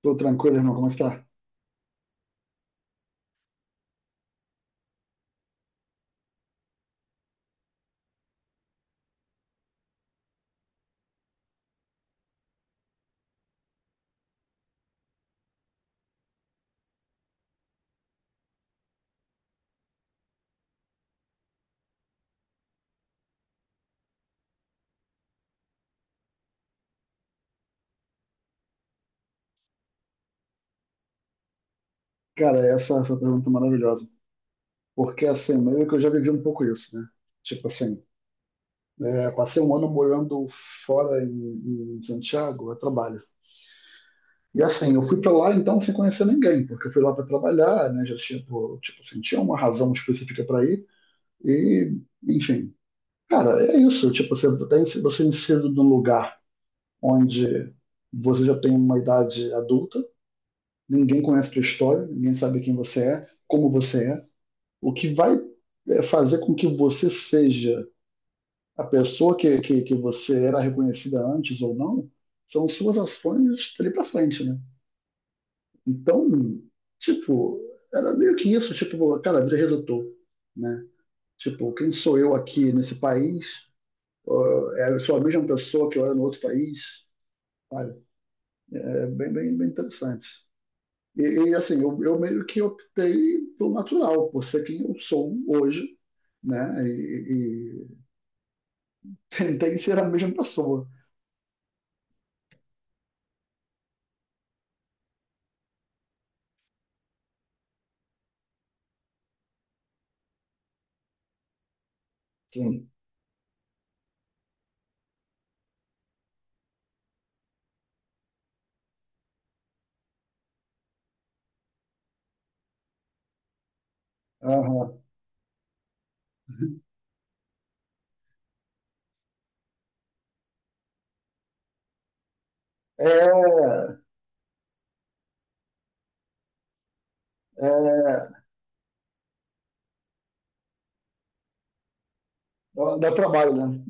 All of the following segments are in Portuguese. Tô tranquilo, irmão. Como está? Cara, essa pergunta é maravilhosa. Porque, assim, meio que eu já vivi um pouco isso, né? Tipo assim, passei um ano morando fora em Santiago, a trabalho. E assim, eu fui para lá então sem conhecer ninguém, porque eu fui lá para trabalhar, né? Já tinha, pô, tipo assim, tinha uma razão específica para ir. E, enfim, cara, é isso. Tipo, você tem você é inserido num lugar onde você já tem uma idade adulta, ninguém conhece a tua história, ninguém sabe quem você é, como você é. O que vai fazer com que você seja a pessoa que você era reconhecida antes ou não, são suas ações dali pra frente, né? Então, tipo, era meio que isso, tipo, cara, a vida resetou, né? Tipo, quem sou eu aqui nesse país? Ó, eu sou a mesma pessoa que eu era no outro país? Sabe? É bem interessante. E assim, eu meio que optei pelo natural, por ser quem eu sou hoje, né? E, tem, tem que ser a mesma pessoa. Sim. Aham. É, é, dá, dá trabalho, né?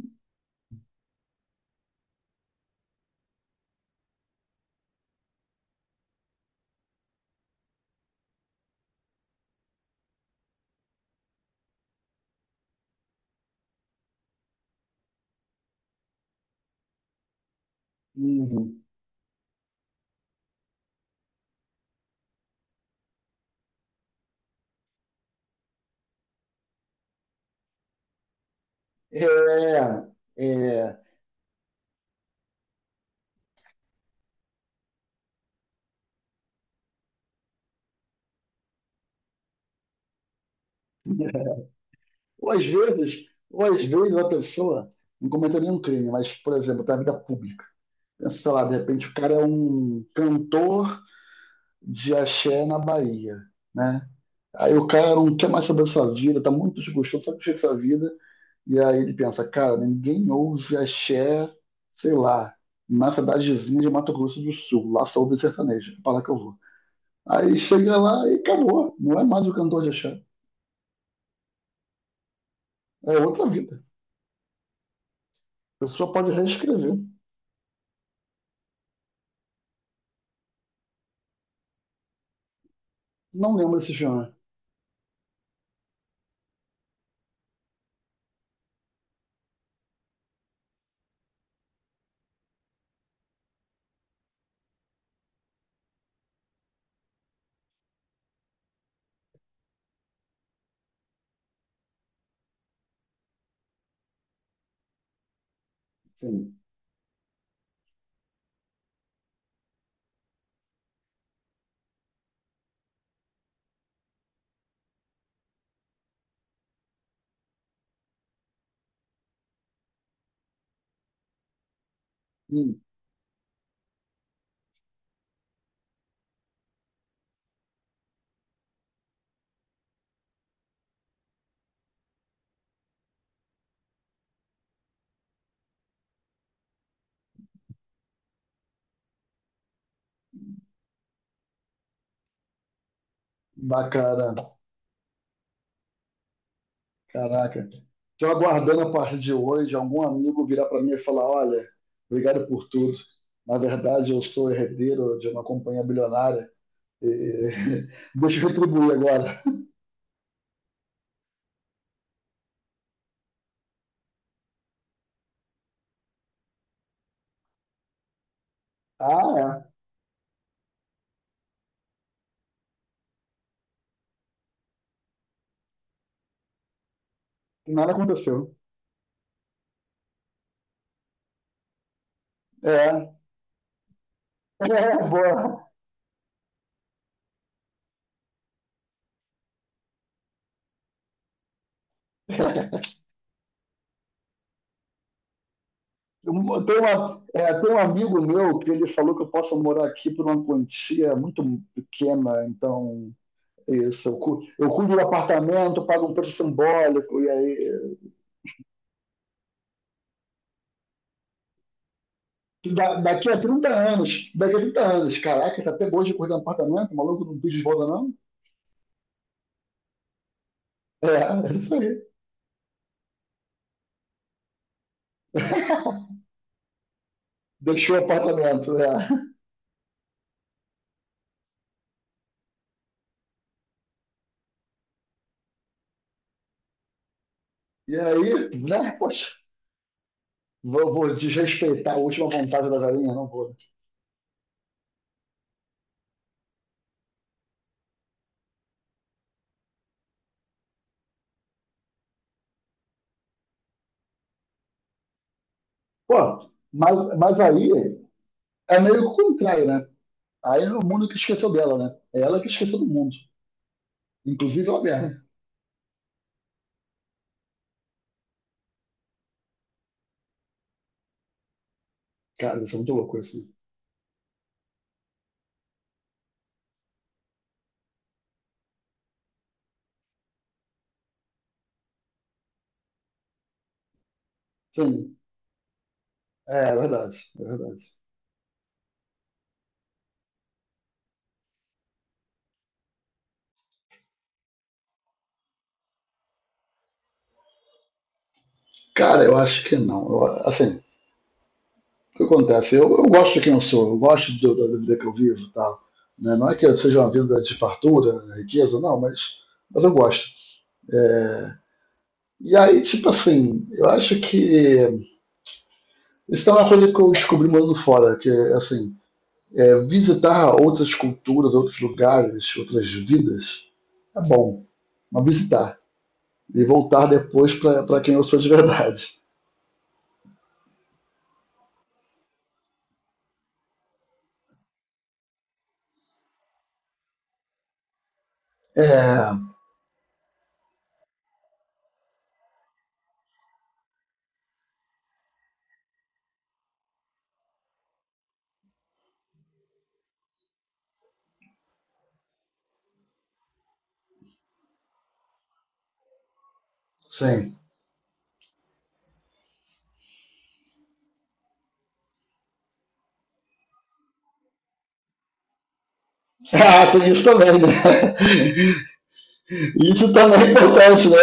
Uhum. É, é, ou às vezes a pessoa não cometeu nenhum crime, mas, por exemplo, da vida pública. Pensa, sei lá, de repente o cara é um cantor de axé na Bahia, né? Aí o cara não quer mais saber da sua vida, tá muito desgostoso, sabe o que é essa vida. E aí ele pensa, cara, ninguém ouve axé, sei lá, na cidadezinha de Mato Grosso do Sul. Lá só ouve sertanejo, é para lá que eu vou. Aí chega lá e acabou. Não é mais o cantor de axé. É outra vida. A pessoa pode reescrever. Não lembro esse filme. Sim. Hum, bacana. Caraca. Estou aguardando a partir de hoje algum amigo virar para mim e falar, olha, obrigado por tudo. Na verdade, eu sou herdeiro de uma companhia bilionária. E... Deixa eu retribuir agora. Ah, é. Nada aconteceu. É, é boa. Um- tem, uma, é, tem um amigo meu que ele falou que eu posso morar aqui por uma quantia muito pequena, então é isso. Eu, cu- eu cuido do apartamento, pago um preço simbólico, e aí. Da- daqui a 30 anos, daqui a 30 anos, caraca, tá até hoje cuidando do apartamento, o maluco não pediu de volta, não? É, é isso aí. Deixou o apartamento, é. E aí, né, poxa, vou, vou desrespeitar a última vontade da galinha, não vou, né? Pô, mas aí é meio que o contrário, né? Aí é o mundo que esqueceu dela, né? É ela que esqueceu do mundo. Inclusive ela mesma. Cara, isso é muito louco assim. Sim, é verdade, é verdade. Cara, eu acho que não. Eu, assim, o que acontece? Eu gosto de quem eu sou, eu gosto do- da da vida que eu vivo e tal. Né? Não é que eu seja uma vida de fartura, riqueza, não, mas eu gosto. É, e aí, tipo assim, eu acho que isso é uma coisa que eu descobri morando fora, que assim, visitar outras culturas, outros lugares, outras vidas, é bom, mas visitar. E voltar depois para quem eu sou de verdade. É, sim. Ah, tem isso também, né? Isso também é importante, né?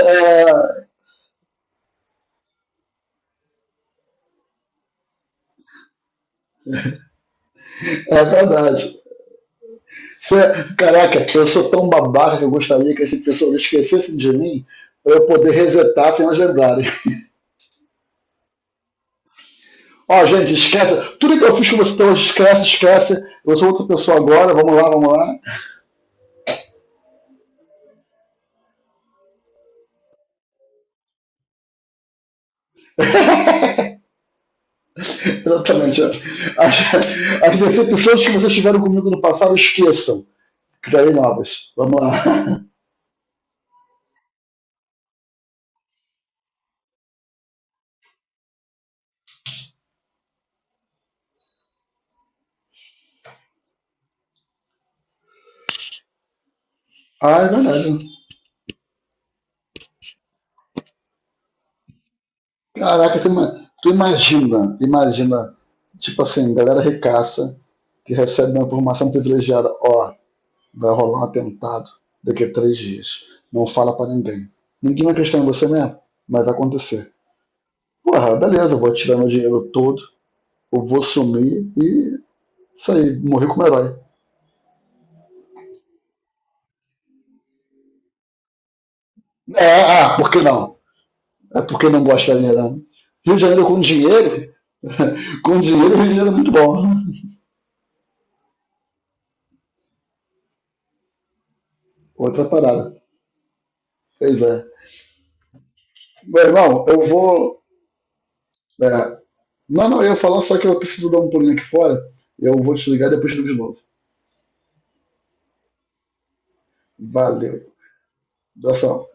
É, é verdade. Você, caraca, eu sou tão babaca que eu gostaria que as pessoas esquecessem de mim para eu poder resetar sem elas lembrarem. Ó, gente, esquece. Tudo que eu fiz com você, então, esquece, esquece. Eu sou outra pessoa agora, vamos lá, vamos lá. Exatamente. As decepções que vocês tiveram comigo no passado, esqueçam. Criarei novas. Vamos lá. Ah, é verdade. Caraca, tu, ima- tu imagina, imagina, tipo assim, galera ricaça que recebe uma informação privilegiada. Ó, vai rolar um atentado daqui a 3 dias. Não fala pra ninguém. Ninguém vai acreditar em você mesmo, mas vai acontecer. Porra, beleza, eu vou tirar meu dinheiro todo, eu vou sumir e isso aí, morri como herói. É, ah, por que não? É porque não gosta da verdade. Rio de Janeiro com dinheiro, com dinheiro, Rio de Janeiro é muito bom. Outra parada. Pois é. Meu irmão, eu vou. É, não, não, eu ia falar, só que eu preciso dar um pulinho aqui fora. Eu vou te ligar e depois te ligo de novo. Valeu. Abração.